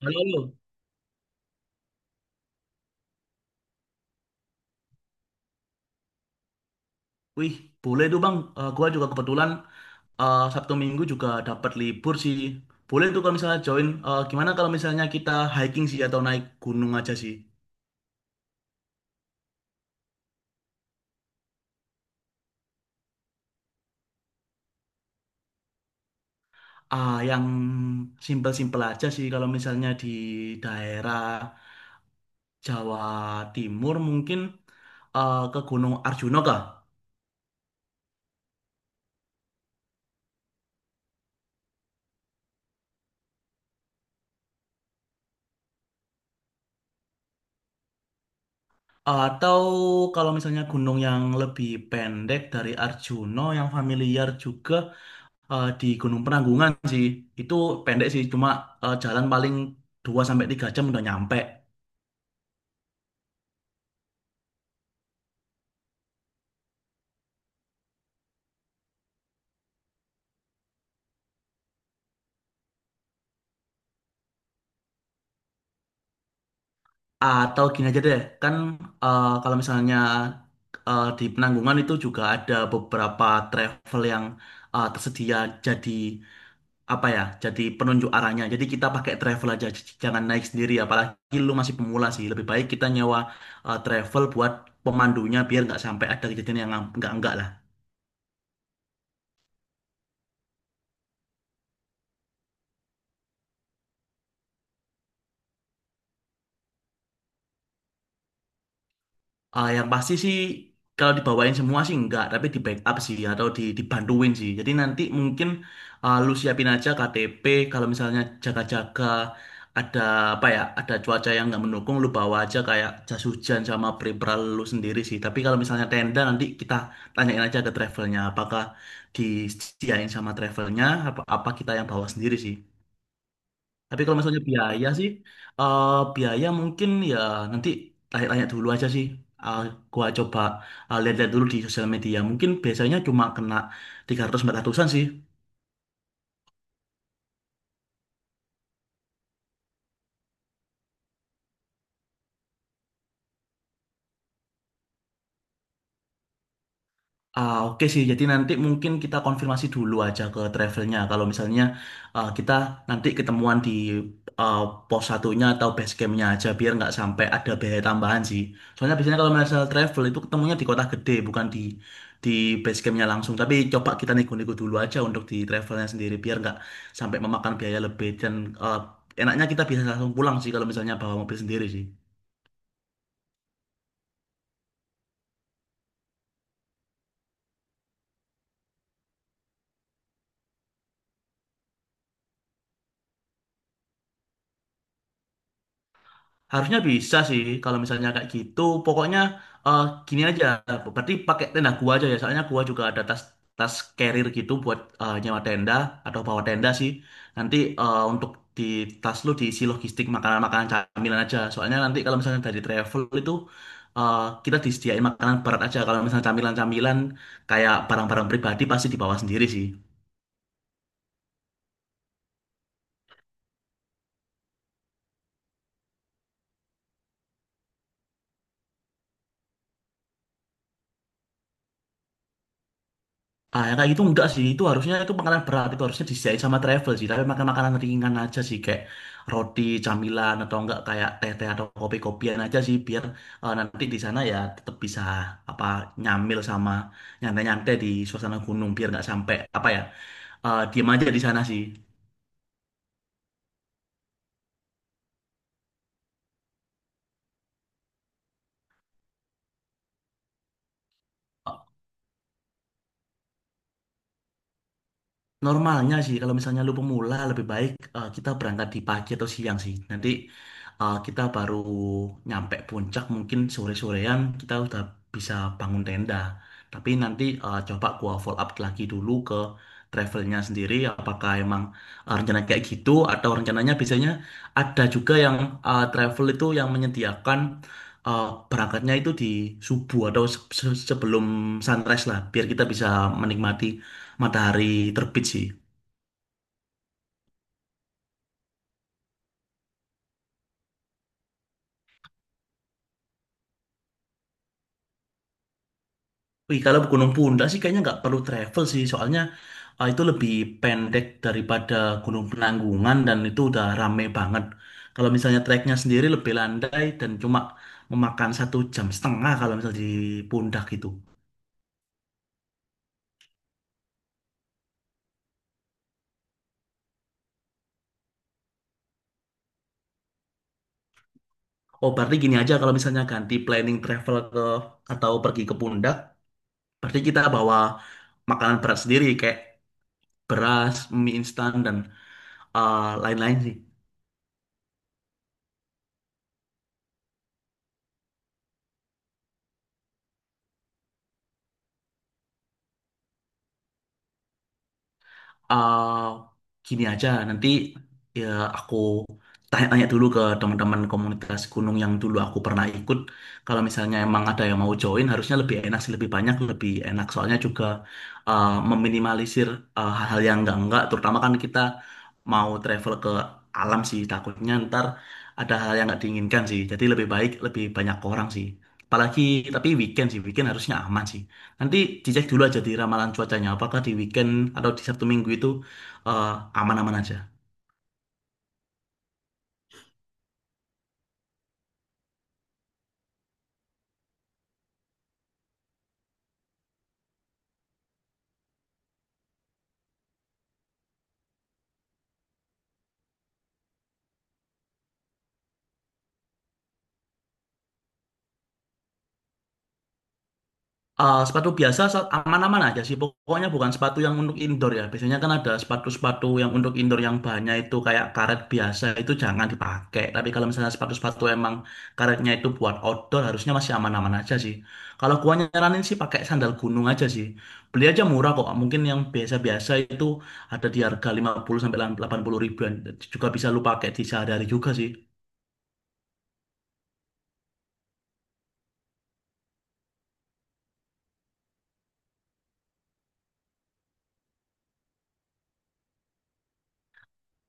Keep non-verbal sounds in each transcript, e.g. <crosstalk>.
Halo, halo. Wih, boleh tuh Bang. Gua juga kebetulan Sabtu Minggu juga dapat libur sih. Boleh tuh kalau misalnya join. Gimana kalau misalnya kita hiking sih atau naik gunung aja sih? Yang simpel-simpel aja sih kalau misalnya di daerah Jawa Timur mungkin ke Gunung Arjuna kah? Atau kalau misalnya gunung yang lebih pendek dari Arjuna yang familiar juga di Gunung Penanggungan sih. Itu pendek sih, cuma jalan paling 2 sampai 3 jam udah nyampe. Atau gini aja deh, kan kalau misalnya di Penanggungan itu juga ada beberapa travel yang tersedia, jadi apa ya, jadi penunjuk arahnya. Jadi kita pakai travel aja, jangan naik sendiri. Apalagi lu masih pemula sih, lebih baik kita nyewa travel buat pemandunya biar nggak sampai ada kejadian yang nggak lah. Yang pasti sih kalau dibawain semua sih enggak, tapi di backup sih atau dibantuin sih. Jadi nanti mungkin lu siapin aja KTP kalau misalnya jaga-jaga ada apa ya, ada cuaca yang nggak mendukung. Lu bawa aja kayak jas hujan sama pre lu sendiri sih. Tapi kalau misalnya tenda, nanti kita tanyain aja ke travelnya apakah disediain sama travelnya apa apa kita yang bawa sendiri sih. Tapi kalau misalnya biaya sih, eh biaya mungkin ya, nanti tanya-tanya dulu aja sih. Eh, gua coba lihat-lihat dulu di sosial media. Mungkin biasanya cuma kena 300-400an sih. Oke sih, jadi nanti mungkin kita konfirmasi dulu aja ke travelnya. Kalau misalnya kita nanti ketemuan di ah, pos satunya atau base campnya aja, biar nggak sampai ada biaya tambahan sih. Soalnya biasanya kalau masalah travel itu ketemunya di kota gede, bukan di base campnya langsung. Tapi coba kita nego-nego dulu aja untuk di travelnya sendiri, biar nggak sampai memakan biaya lebih. Dan ah, enaknya kita bisa langsung pulang sih kalau misalnya bawa mobil sendiri sih. Harusnya bisa sih kalau misalnya kayak gitu. Pokoknya eh, gini aja. Berarti pakai tenda gua aja ya. Soalnya gua juga ada tas tas carrier gitu buat nyewa tenda atau bawa tenda sih. Nanti untuk di tas lu diisi logistik makanan-makanan camilan aja. Soalnya nanti kalau misalnya dari travel itu eh, kita disediain makanan berat aja. Kalau misalnya camilan-camilan kayak barang-barang pribadi pasti dibawa sendiri sih. Yang kayak gitu enggak sih. Itu harusnya itu makanan berat. Itu harusnya disediain sama travel sih. Tapi makan makanan ringan aja sih. Kayak roti, camilan, atau enggak kayak teh-teh atau kopi-kopian aja sih. Biar nanti di sana ya tetap bisa apa nyamil sama nyantai-nyantai di suasana gunung. Biar nggak sampai apa ya diem aja di sana sih. Normalnya sih, kalau misalnya lu pemula, lebih baik kita berangkat di pagi atau siang sih. Nanti kita baru nyampe puncak, mungkin sore-sorean kita udah bisa bangun tenda. Tapi nanti coba gua follow up lagi dulu ke travelnya sendiri, apakah emang rencana kayak gitu atau rencananya biasanya ada juga yang travel itu yang menyediakan eh, berangkatnya itu di subuh atau sebelum sunrise lah, biar kita bisa menikmati matahari terbit sih. Wih, kalau Gunung Punda sih kayaknya nggak perlu travel sih, soalnya itu lebih pendek daripada Gunung Penanggungan dan itu udah rame banget. Kalau misalnya treknya sendiri lebih landai dan cuma memakan 1 jam setengah kalau misalnya di Pundak gitu. Oh, berarti gini aja, kalau misalnya ganti planning travel ke atau pergi ke Pundak, berarti kita bawa makanan berat sendiri kayak beras, mie instan dan lain-lain sih. eh Gini aja, nanti ya aku tanya-tanya dulu ke teman-teman komunitas gunung yang dulu aku pernah ikut. Kalau misalnya emang ada yang mau join, harusnya lebih enak sih, lebih banyak, lebih enak. Soalnya juga meminimalisir hal-hal yang enggak-enggak. Terutama kan kita mau travel ke alam sih, takutnya ntar ada hal yang nggak diinginkan sih. Jadi lebih baik, lebih banyak orang sih. Apalagi tapi weekend sih, weekend harusnya aman sih. Nanti dicek dulu aja di ramalan cuacanya, apakah di weekend atau di Sabtu Minggu itu eh, aman-aman aja. Sepatu biasa aman-aman aja sih, pokoknya bukan sepatu yang untuk indoor ya. Biasanya kan ada sepatu-sepatu yang untuk indoor yang banyak itu kayak karet biasa, itu jangan dipakai. Tapi kalau misalnya sepatu-sepatu emang karetnya itu buat outdoor, harusnya masih aman-aman aja sih. Kalau gua nyaranin sih pakai sandal gunung aja sih. Beli aja murah kok, mungkin yang biasa-biasa itu ada di harga 50 sampai 80 ribuan. Juga bisa lu pakai di sehari-hari juga sih.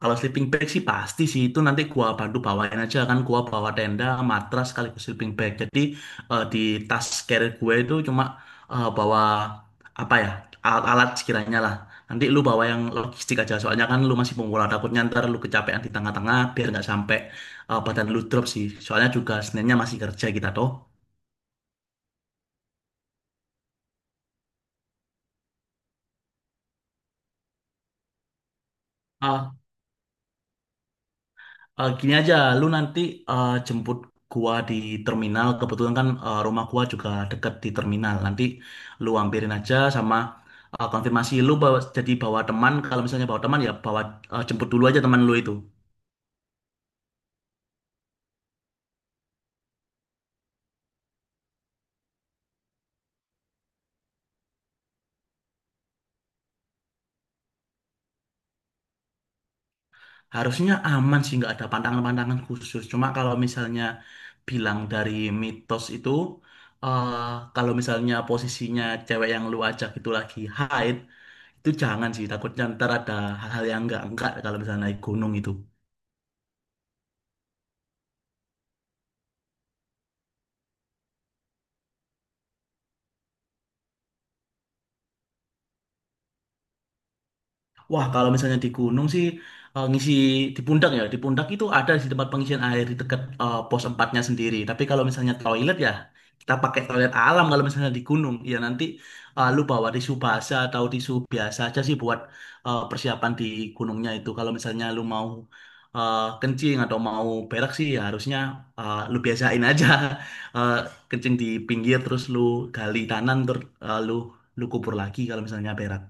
Kalau sleeping bag sih pasti sih itu nanti gua bantu bawain aja, kan gua bawa tenda, matras sekaligus sleeping bag. Jadi di tas carrier gue itu cuma bawa apa ya alat-alat sekiranya lah. Nanti lu bawa yang logistik aja, soalnya kan lu masih pemula, takutnya ntar lu kecapean di tengah-tengah biar nggak sampai badan lu drop sih. Soalnya juga sebenarnya masih kerja kita toh. Gini aja, lu nanti jemput gua di terminal. Kebetulan kan rumah gua juga deket di terminal. Nanti lu ampirin aja sama konfirmasi lu bawa, jadi bawa teman. Kalau misalnya bawa teman ya bawa jemput dulu aja teman lu itu. Harusnya aman sih, nggak ada pantangan-pantangan khusus. Cuma kalau misalnya bilang dari mitos itu, eh, kalau misalnya posisinya cewek yang lu ajak itu lagi haid, itu jangan sih. Takutnya ntar ada hal-hal yang nggak enggak kalau misalnya naik gunung itu. Wah, kalau misalnya di gunung sih ngisi di pundak ya. Di pundak itu ada di tempat pengisian air di dekat pos empatnya sendiri. Tapi kalau misalnya toilet ya kita pakai toilet alam kalau misalnya di gunung. Ya nanti lu bawa tisu basah atau tisu biasa aja sih buat persiapan di gunungnya itu. Kalau misalnya lu mau kencing atau mau berak sih ya harusnya lu biasain aja. <laughs> Eh, Kencing di pinggir, terus lu gali kanan, terus lu lu kubur lagi kalau misalnya berak.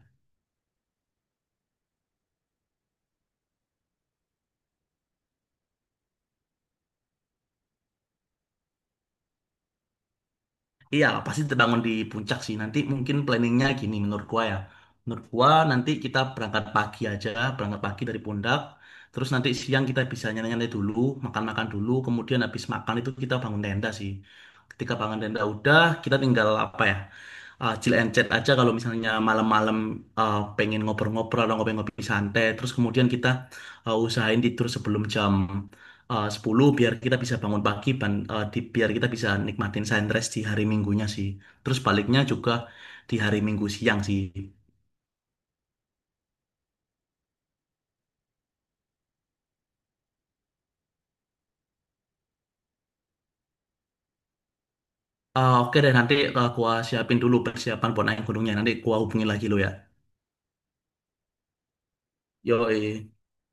Iya, pasti terbangun di puncak sih. Nanti mungkin planningnya gini menurut gua ya. Menurut gua nanti kita berangkat pagi aja, berangkat pagi dari Pundak. Terus nanti siang kita bisa nyantai-nyantai dulu, makan-makan dulu. Kemudian habis makan itu kita bangun tenda sih. Ketika bangun tenda udah, kita tinggal apa ya? Chill and chat aja kalau misalnya malam-malam pengen ngobrol-ngobrol atau ngopi-ngopi santai. Terus kemudian kita usahain tidur sebelum jam 10 biar kita bisa bangun pagi, biar kita bisa nikmatin sunrise di hari Minggunya sih. Terus baliknya juga di hari Minggu siang sih. Oke deh, nanti gua siapin dulu persiapan buat naik gunungnya, nanti gua hubungin lagi lo ya. Yoi.